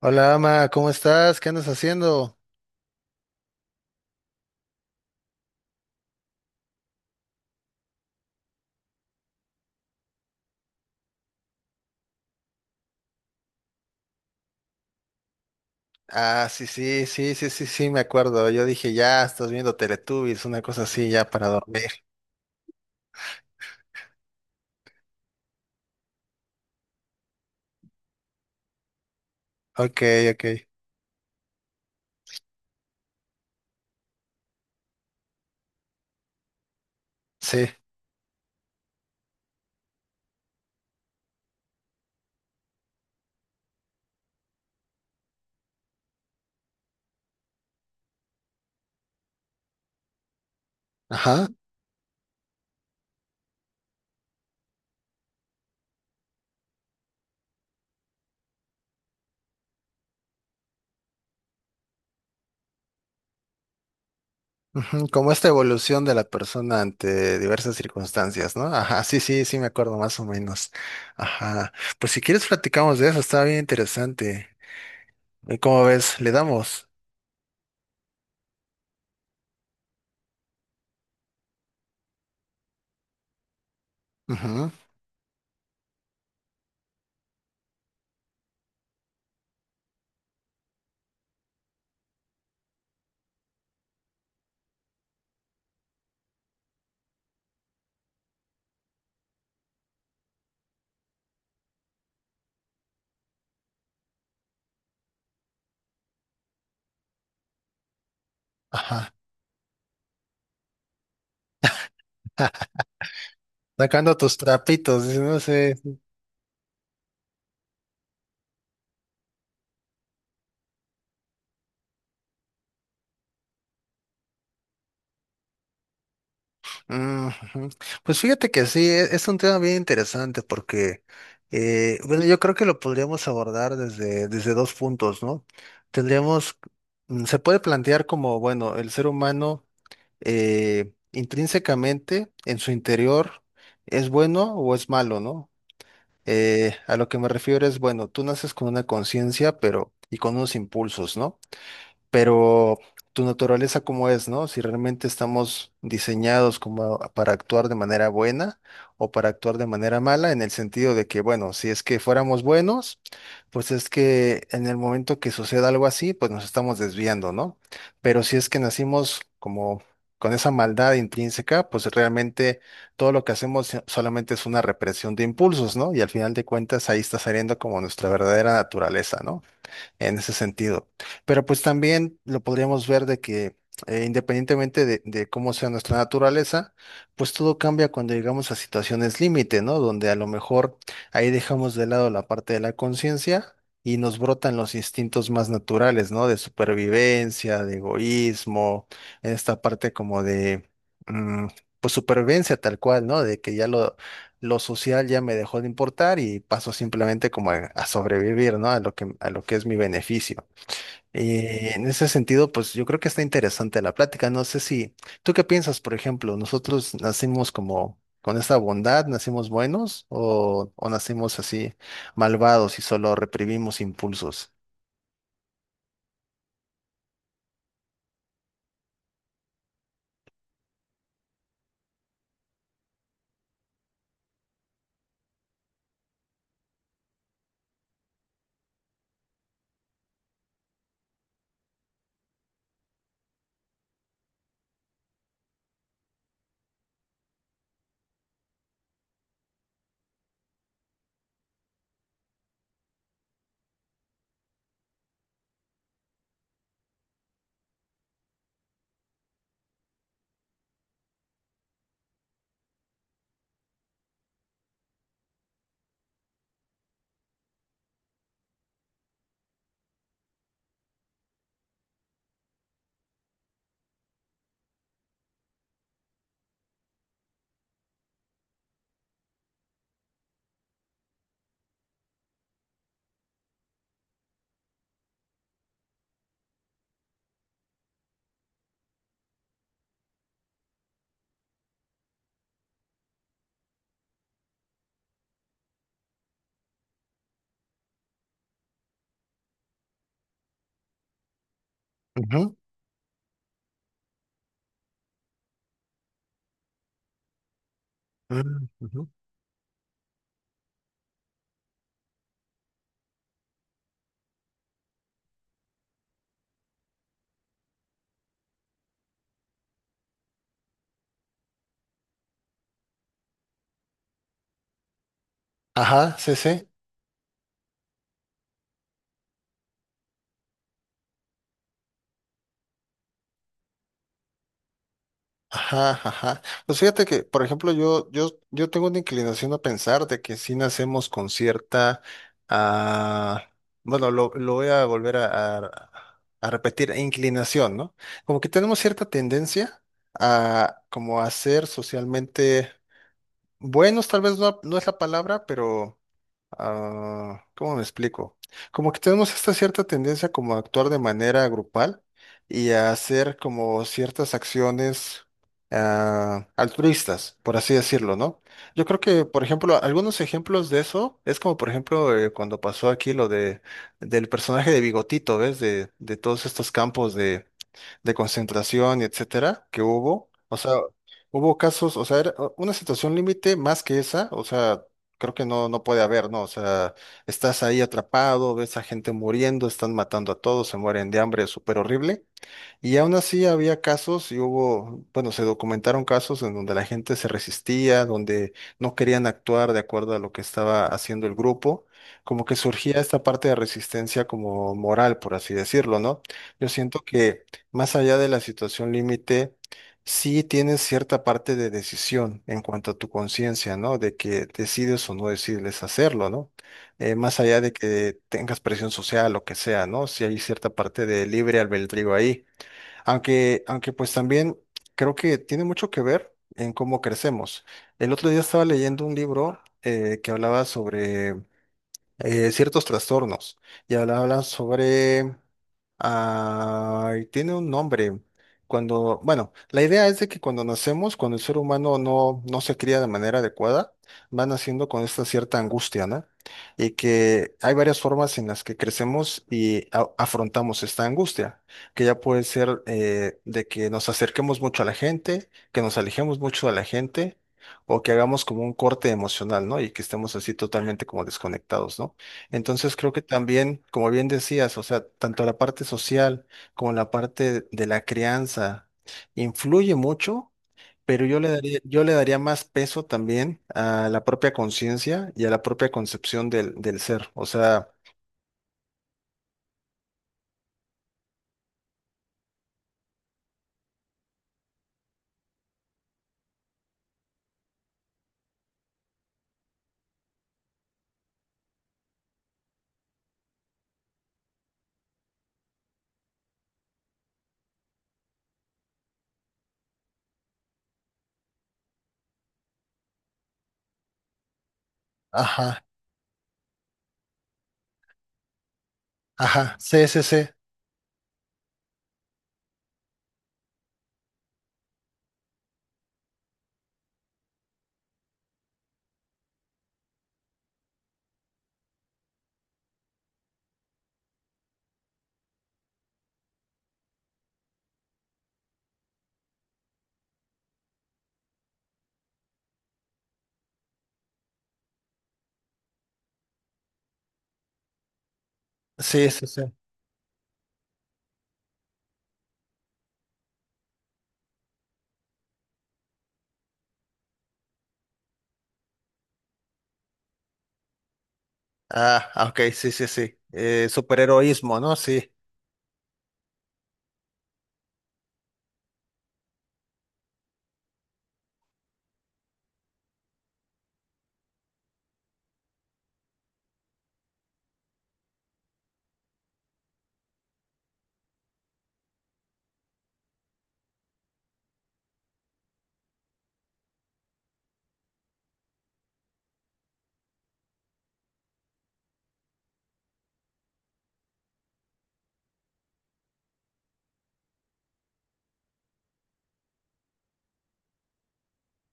Hola, Ama, ¿cómo estás? ¿Qué andas haciendo? Ah, sí, sí, sí, sí, sí, sí, me acuerdo. Yo dije, ya, estás viendo Teletubbies, una cosa así, ya para dormir. Ok, ok. Sí, ajá. Ujú, como esta evolución de la persona ante diversas circunstancias, ¿no? Ajá, sí, sí, sí, me acuerdo más o menos. Ajá. Pues si quieres platicamos de eso, está bien interesante. ¿Cómo ves? Le damos. Ujú. Ajá. Sacando tus trapitos, dice, no sé. Ujú. Pues fíjate que sí, es un tema bien interesante porque, bueno, yo creo que lo podríamos abordar desde, desde dos puntos, ¿no? Tendríamos, se puede plantear como, bueno, el ser humano intrínsecamente en su interior es bueno o es malo, ¿no? A lo que me refiero es, bueno, tú naces con una conciencia, pero y con unos impulsos, ¿no? Pero tu naturaleza cómo es, ¿no? Si realmente estamos diseñados como para actuar de manera buena o para actuar de manera mala, en el sentido de que, bueno, si es que fuéramos buenos, pues es que en el momento que suceda algo así, pues nos estamos desviando, ¿no? Pero si es que nacimos como con esa maldad intrínseca, pues realmente todo lo que hacemos solamente es una represión de impulsos, ¿no? Y al final de cuentas ahí está saliendo como nuestra verdadera naturaleza, ¿no?, en ese sentido. Pero pues también lo podríamos ver de que independientemente de cómo sea nuestra naturaleza, pues todo cambia cuando llegamos a situaciones límite, ¿no? Donde a lo mejor ahí dejamos de lado la parte de la conciencia y nos brotan los instintos más naturales, ¿no? De supervivencia, de egoísmo, en esta parte como de... mm, pues supervivencia tal cual, ¿no? De que ya lo social ya me dejó de importar y paso simplemente como a sobrevivir, ¿no? A lo que es mi beneficio. En ese sentido, pues yo creo que está interesante la plática. No sé si, ¿tú qué piensas, por ejemplo? ¿Nosotros nacimos como con esta bondad, nacimos buenos o nacimos así malvados y solo reprimimos impulsos? Ujú. Mm, ujú. Ajá, sí, sí. Ajá, ajá. Pues fíjate que, por ejemplo, yo tengo una inclinación a pensar de que si nacemos con cierta, ah, bueno, lo voy a volver a repetir, inclinación, ¿no? Como que tenemos cierta tendencia a como a ser socialmente buenos, tal vez no, no es la palabra, pero ¿cómo me explico? Como que tenemos esta cierta tendencia como a actuar de manera grupal y a hacer como ciertas acciones altruistas, por así decirlo, ¿no? Yo creo que, por ejemplo, algunos ejemplos de eso es como, por ejemplo, cuando pasó aquí lo de del personaje de Bigotito, ¿ves? De todos estos campos de concentración y etcétera que hubo. O sea, hubo casos, o sea, era una situación límite más que esa, o sea, creo que no, no puede haber, ¿no? O sea, estás ahí atrapado, ves a gente muriendo, están matando a todos, se mueren de hambre, súper horrible. Y aún así había casos y hubo, bueno, se documentaron casos en donde la gente se resistía, donde no querían actuar de acuerdo a lo que estaba haciendo el grupo, como que surgía esta parte de resistencia como moral, por así decirlo, ¿no? Yo siento que más allá de la situación límite, sí tienes cierta parte de decisión en cuanto a tu conciencia, ¿no? De que decides o no decides hacerlo, ¿no? Más allá de que tengas presión social, lo que sea, ¿no? Si hay cierta parte de libre albedrío ahí. Aunque, aunque pues también creo que tiene mucho que ver en cómo crecemos. El otro día estaba leyendo un libro que hablaba sobre ciertos trastornos. Y habla sobre... Ay, tiene un nombre. Cuando, bueno, la idea es de que cuando nacemos, cuando el ser humano no, no se cría de manera adecuada, va naciendo con esta cierta angustia, ¿no? Y que hay varias formas en las que crecemos y afrontamos esta angustia, que ya puede ser de que nos acerquemos mucho a la gente, que nos alejemos mucho de la gente, o que hagamos como un corte emocional, ¿no? Y que estemos así totalmente como desconectados, ¿no? Entonces creo que también, como bien decías, o sea, tanto la parte social como la parte de la crianza influye mucho, pero yo le daría más peso también a la propia conciencia y a la propia concepción del, del ser, o sea, ajá, ajá, sí, sí, sí, sí, sí, sí. Ah, ok, sí, sí, sí. Superheroísmo, ¿no? Sí.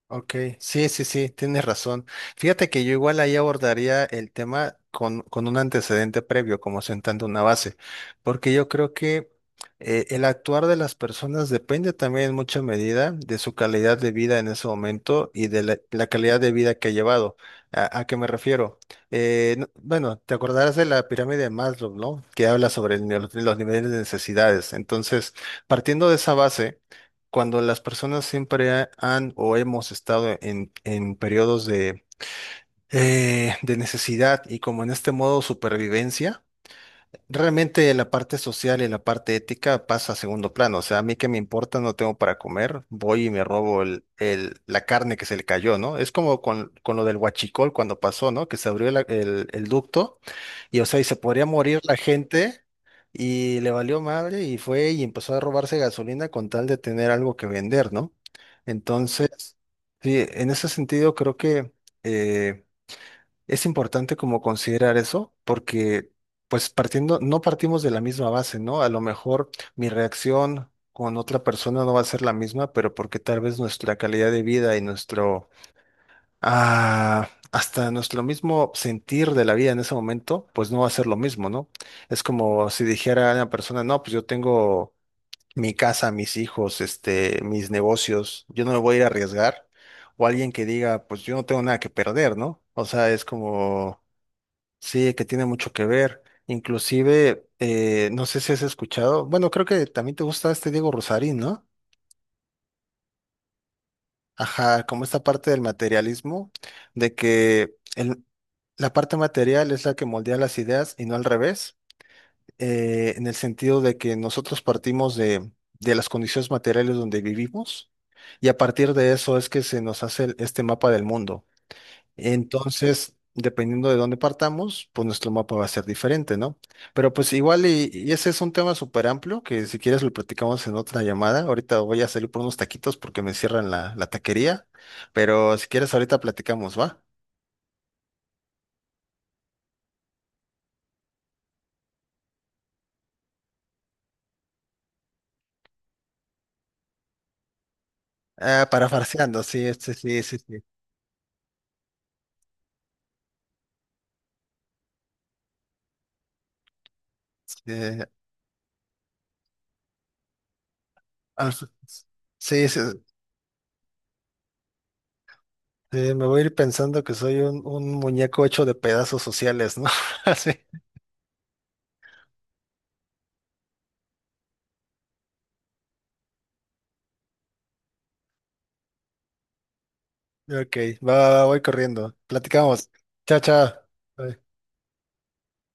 Ok, sí, sí, sí, tienes razón. Fíjate que yo igual ahí abordaría el tema con un antecedente previo, como sentando una base, porque yo creo que el actuar de las personas depende también en mucha medida de su calidad de vida en ese momento y de la, la calidad de vida que ha llevado. A qué me refiero? Bueno, te acordarás de la pirámide de Maslow, ¿no? Que habla sobre los niveles de necesidades. Entonces, partiendo de esa base cuando las personas siempre han o hemos estado en periodos de necesidad y como en este modo supervivencia, realmente la parte social y la parte ética pasa a segundo plano. O sea, a mí que me importa, no tengo para comer, voy y me robo la carne que se le cayó, ¿no? Es como con lo del huachicol cuando pasó, ¿no? Que se abrió el ducto. Y o sea, y se podría morir la gente y le valió madre y fue y empezó a robarse gasolina con tal de tener algo que vender, ¿no? Entonces, sí, en ese sentido creo que eh, es importante como considerar eso porque pues partiendo, no partimos de la misma base, ¿no? A lo mejor mi reacción con otra persona no va a ser la misma, pero porque tal vez nuestra calidad de vida y nuestro hasta nuestro mismo sentir de la vida en ese momento, pues no va a ser lo mismo, ¿no? Es como si dijera una persona, no, pues yo tengo mi casa, mis hijos, este, mis negocios, yo no me voy a ir a arriesgar. O alguien que diga, pues yo no tengo nada que perder, ¿no? O sea, es como, sí, que tiene mucho que ver. Inclusive, no sé si has escuchado, bueno, creo que también te gusta este Diego Rosarín, ¿no? Ajá, como esta parte del materialismo, de que... El, la parte material es la que moldea las ideas y no al revés, en el sentido de que nosotros partimos de las condiciones materiales donde vivimos y a partir de eso es que se nos hace este mapa del mundo. Entonces, dependiendo de dónde partamos, pues nuestro mapa va a ser diferente, ¿no? Pero pues igual y ese es un tema súper amplio que si quieres lo platicamos en otra llamada. Ahorita voy a salir por unos taquitos porque me cierran la, la taquería, pero si quieres ahorita platicamos, ¿va? Ah, parafraseando, sí, este, sí, sí, sí. Eh, al- sí, sí, me voy a ir pensando que soy un muñeco hecho de pedazos sociales, ¿no? Así. Ok, va, va, va, voy corriendo. Platicamos. Chao, chao. Bye.